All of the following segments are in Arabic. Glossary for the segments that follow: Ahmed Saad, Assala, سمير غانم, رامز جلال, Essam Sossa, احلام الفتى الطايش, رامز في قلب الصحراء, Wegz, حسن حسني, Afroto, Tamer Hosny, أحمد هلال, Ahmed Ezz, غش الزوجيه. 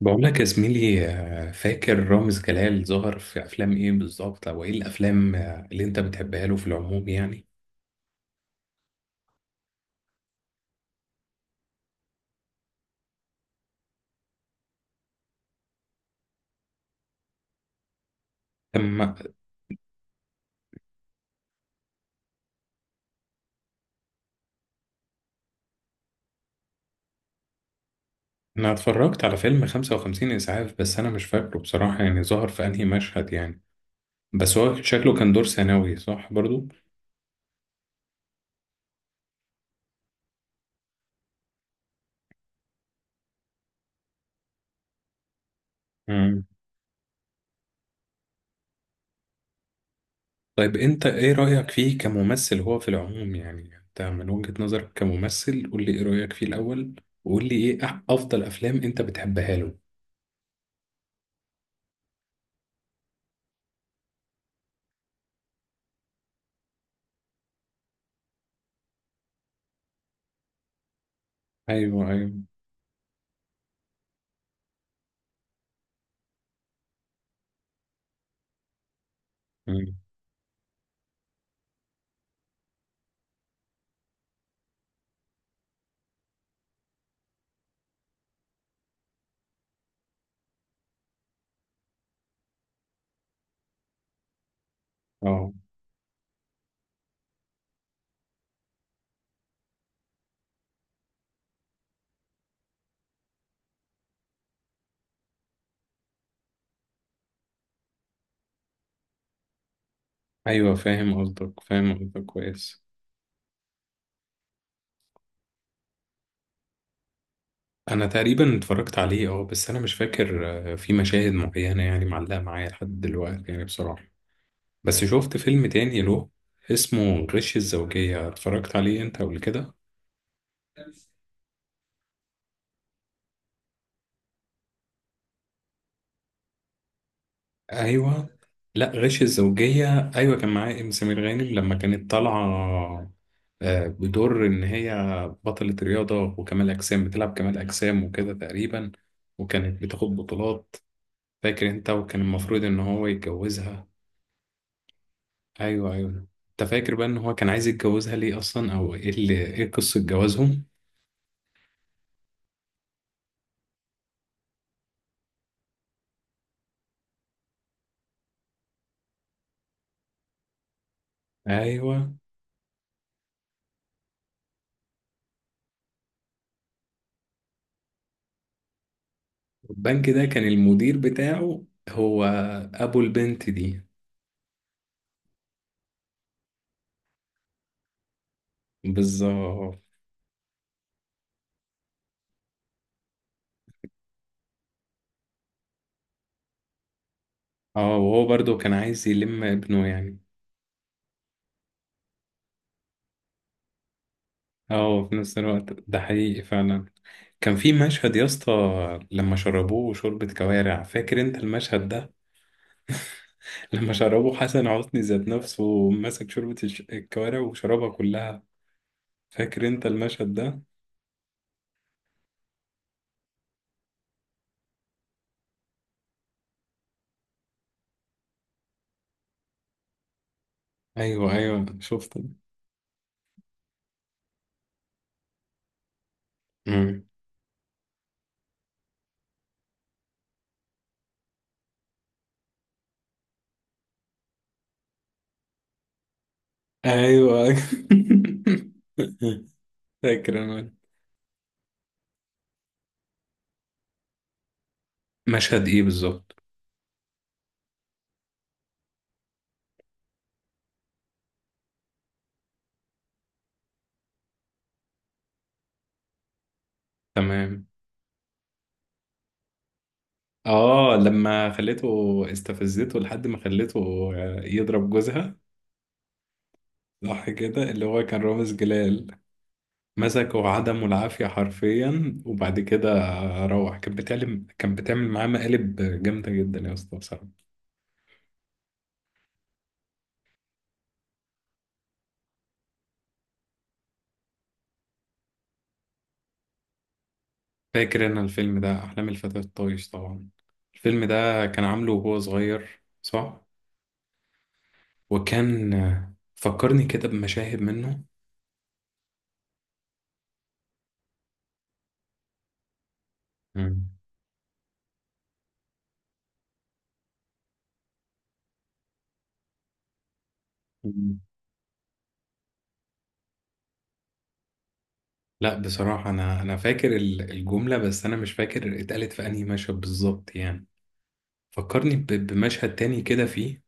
بقول لك يا زميلي، فاكر رامز جلال ظهر في افلام ايه بالظبط، او ايه الافلام اللي انت بتحبها له في العموم يعني؟ اما انا اتفرجت على فيلم 55 اسعاف، بس انا مش فاكره بصراحة، يعني ظهر في انهي مشهد يعني؟ بس هو شكله كان دور ثانوي، صح برضو؟ مم. طيب انت ايه رأيك فيه كممثل هو في العموم يعني، انت من وجهة نظرك كممثل، قول لي ايه رأيك فيه الاول، وقول لي ايه افضل افلام انت بتحبها له؟ ايوه، ايوه. مم. اه. ايوه، فاهم قصدك، فاهم قصدك كويس. انا تقريبا اتفرجت عليه، اه، بس انا مش فاكر. في مشاهد معينه يعني معلقه معايا لحد دلوقتي يعني بصراحه. بس شفت فيلم تاني له اسمه غش الزوجيه، اتفرجت عليه انت قبل كده؟ ايوه. لا، غش الزوجيه، ايوه كان معاه ام سمير غانم لما كانت طالعه. بدور ان هي بطله رياضه وكمال اجسام، بتلعب كمال اجسام وكده تقريبا. وكانت بتاخد بطولات. فاكر انت؟ وكان المفروض ان هو يتجوزها. ايوه ايوه، انت فاكر بقى ان هو كان عايز يتجوزها ليه اصلا، او ايه قصة جوازهم؟ ايوه. البنك ده كان المدير بتاعه هو ابو البنت دي. بالظبط. اه، وهو برضو كان عايز يلم ابنه يعني. اه، في نفس الوقت ده حقيقي فعلا. كان في مشهد يا اسطى لما شربوه شوربة كوارع، فاكر انت المشهد ده؟ لما شربوه حسن حسني ذات نفسه، ومسك شوربة الكوارع وشربها كلها. فاكر انت المشهد ده؟ ايوه، ايوه شفته. مم. ايوه. فاكر انا. مشهد ايه بالظبط؟ تمام. اه، لما خليته استفزته لحد ما خليته يضرب جوزها. صح كده؟ اللي هو كان رامز جلال. مسكه عدمه العافية حرفيا، وبعد كده. روح كانت بتعمل معاه مقالب. جامدة جدا يا اسطى بصراحة. فاكر انا الفيلم ده، احلام الفتى الطايش طبعا. الفيلم ده كان عامله وهو صغير، صح؟ وكان فكرني كده بمشاهد منه. مم. مم. لا بصراحة، انا فاكر الجملة، بس انا مش فاكر اتقالت في انهي مشهد بالظبط يعني. فكرني بمشهد تاني كده فيه.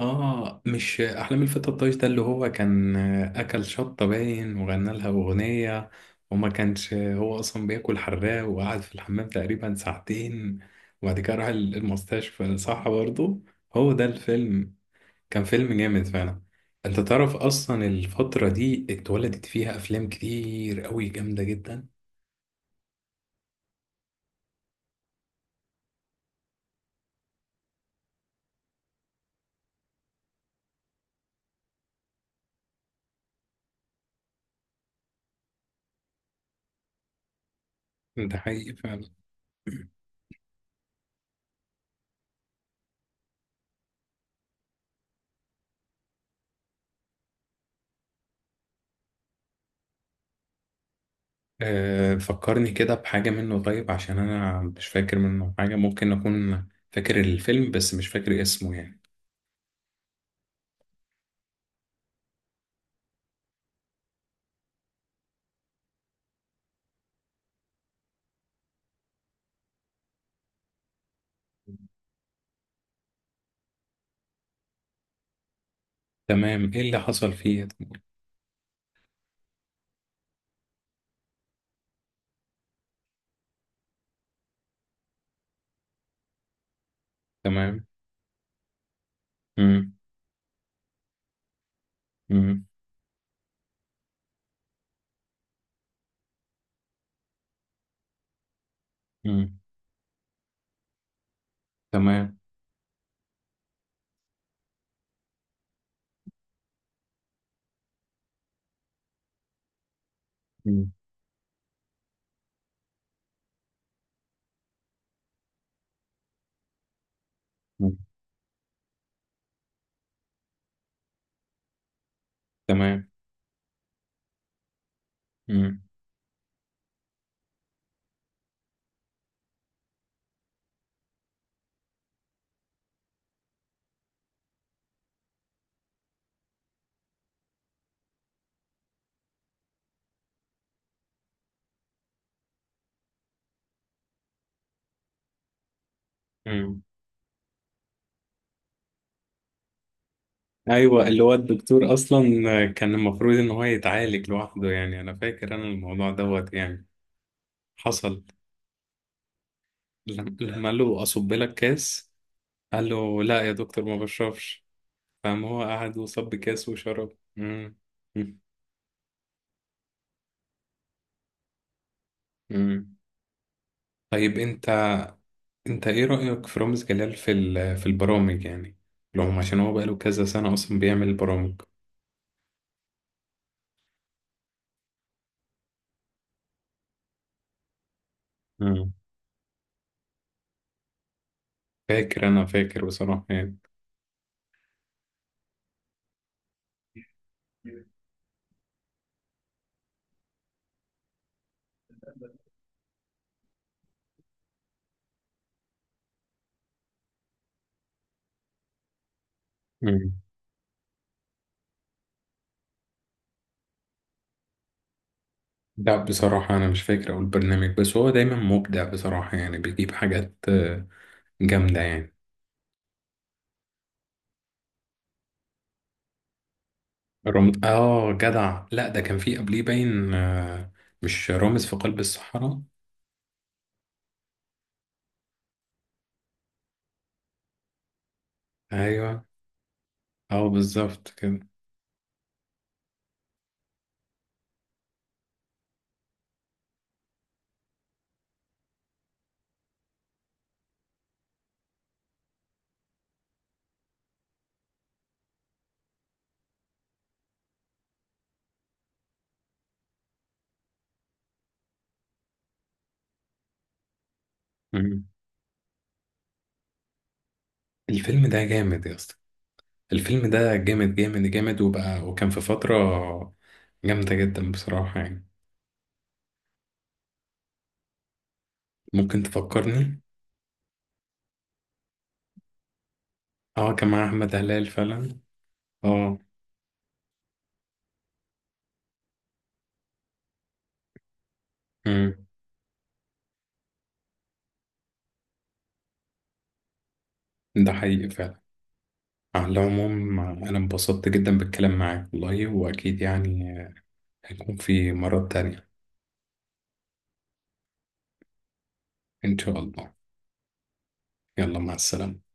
اه، مش احلام الفتى الطايش ده اللي هو كان اكل شطه باين وغنى لها اغنيه؟ وما كانش هو اصلا بياكل حراق، وقعد في الحمام تقريبا ساعتين. وبعد كده راح المستشفى، صح برضه؟ هو ده الفيلم. كان فيلم جامد فعلا. انت تعرف اصلا الفتره دي اتولدت فيها افلام كتير قوي جامده جدا. ده حقيقي فعلا. أه، فكرني كده بحاجة منه طيب، عشان أنا مش فاكر منه حاجة، ممكن أكون فاكر الفيلم بس مش فاكر اسمه يعني. تمام، إيه اللي حصل فيه؟ تمام. مم. مم. مم. تمام. مم. مم. تمام. مم. مم. أيوة، اللي هو الدكتور أصلا كان المفروض إن هو يتعالج لوحده يعني، أنا فاكر أنا الموضوع دوت يعني. حصل. لما قال له أصب لك كاس، قال له لا يا دكتور ما بشربش. فاهم، هو قعد وصب كاس وشرب. مم. مم. مم. طيب، انت ايه رأيك في رامز جلال في في البرامج يعني؟ لهم عشان هو بقاله كذا سنة اصلا بيعمل البرامج. مم. فاكر، انا فاكر بصراحة يعني. مم. لا بصراحة أنا مش فاكر أو البرنامج، بس هو دايما مبدع بصراحة، يعني بيجيب حاجات جامدة يعني. آه جدع، لا ده كان في قبليه باين، مش رامز في قلب الصحراء؟ أيوه. أه، بالظبط كده. الفيلم ده جامد يا اسطى. الفيلم ده جامد جامد جامد، وبقى وكان في فترة جامدة جدا بصراحة يعني. ممكن تفكرني؟ اه، كان مع أحمد هلال فعلا. اه. امم. ده حقيقي فعلا. على العموم أنا انبسطت جدا بالكلام معاك والله، وأكيد يعني هيكون في مرات تانية. إن شاء الله. يلا، مع السلامة.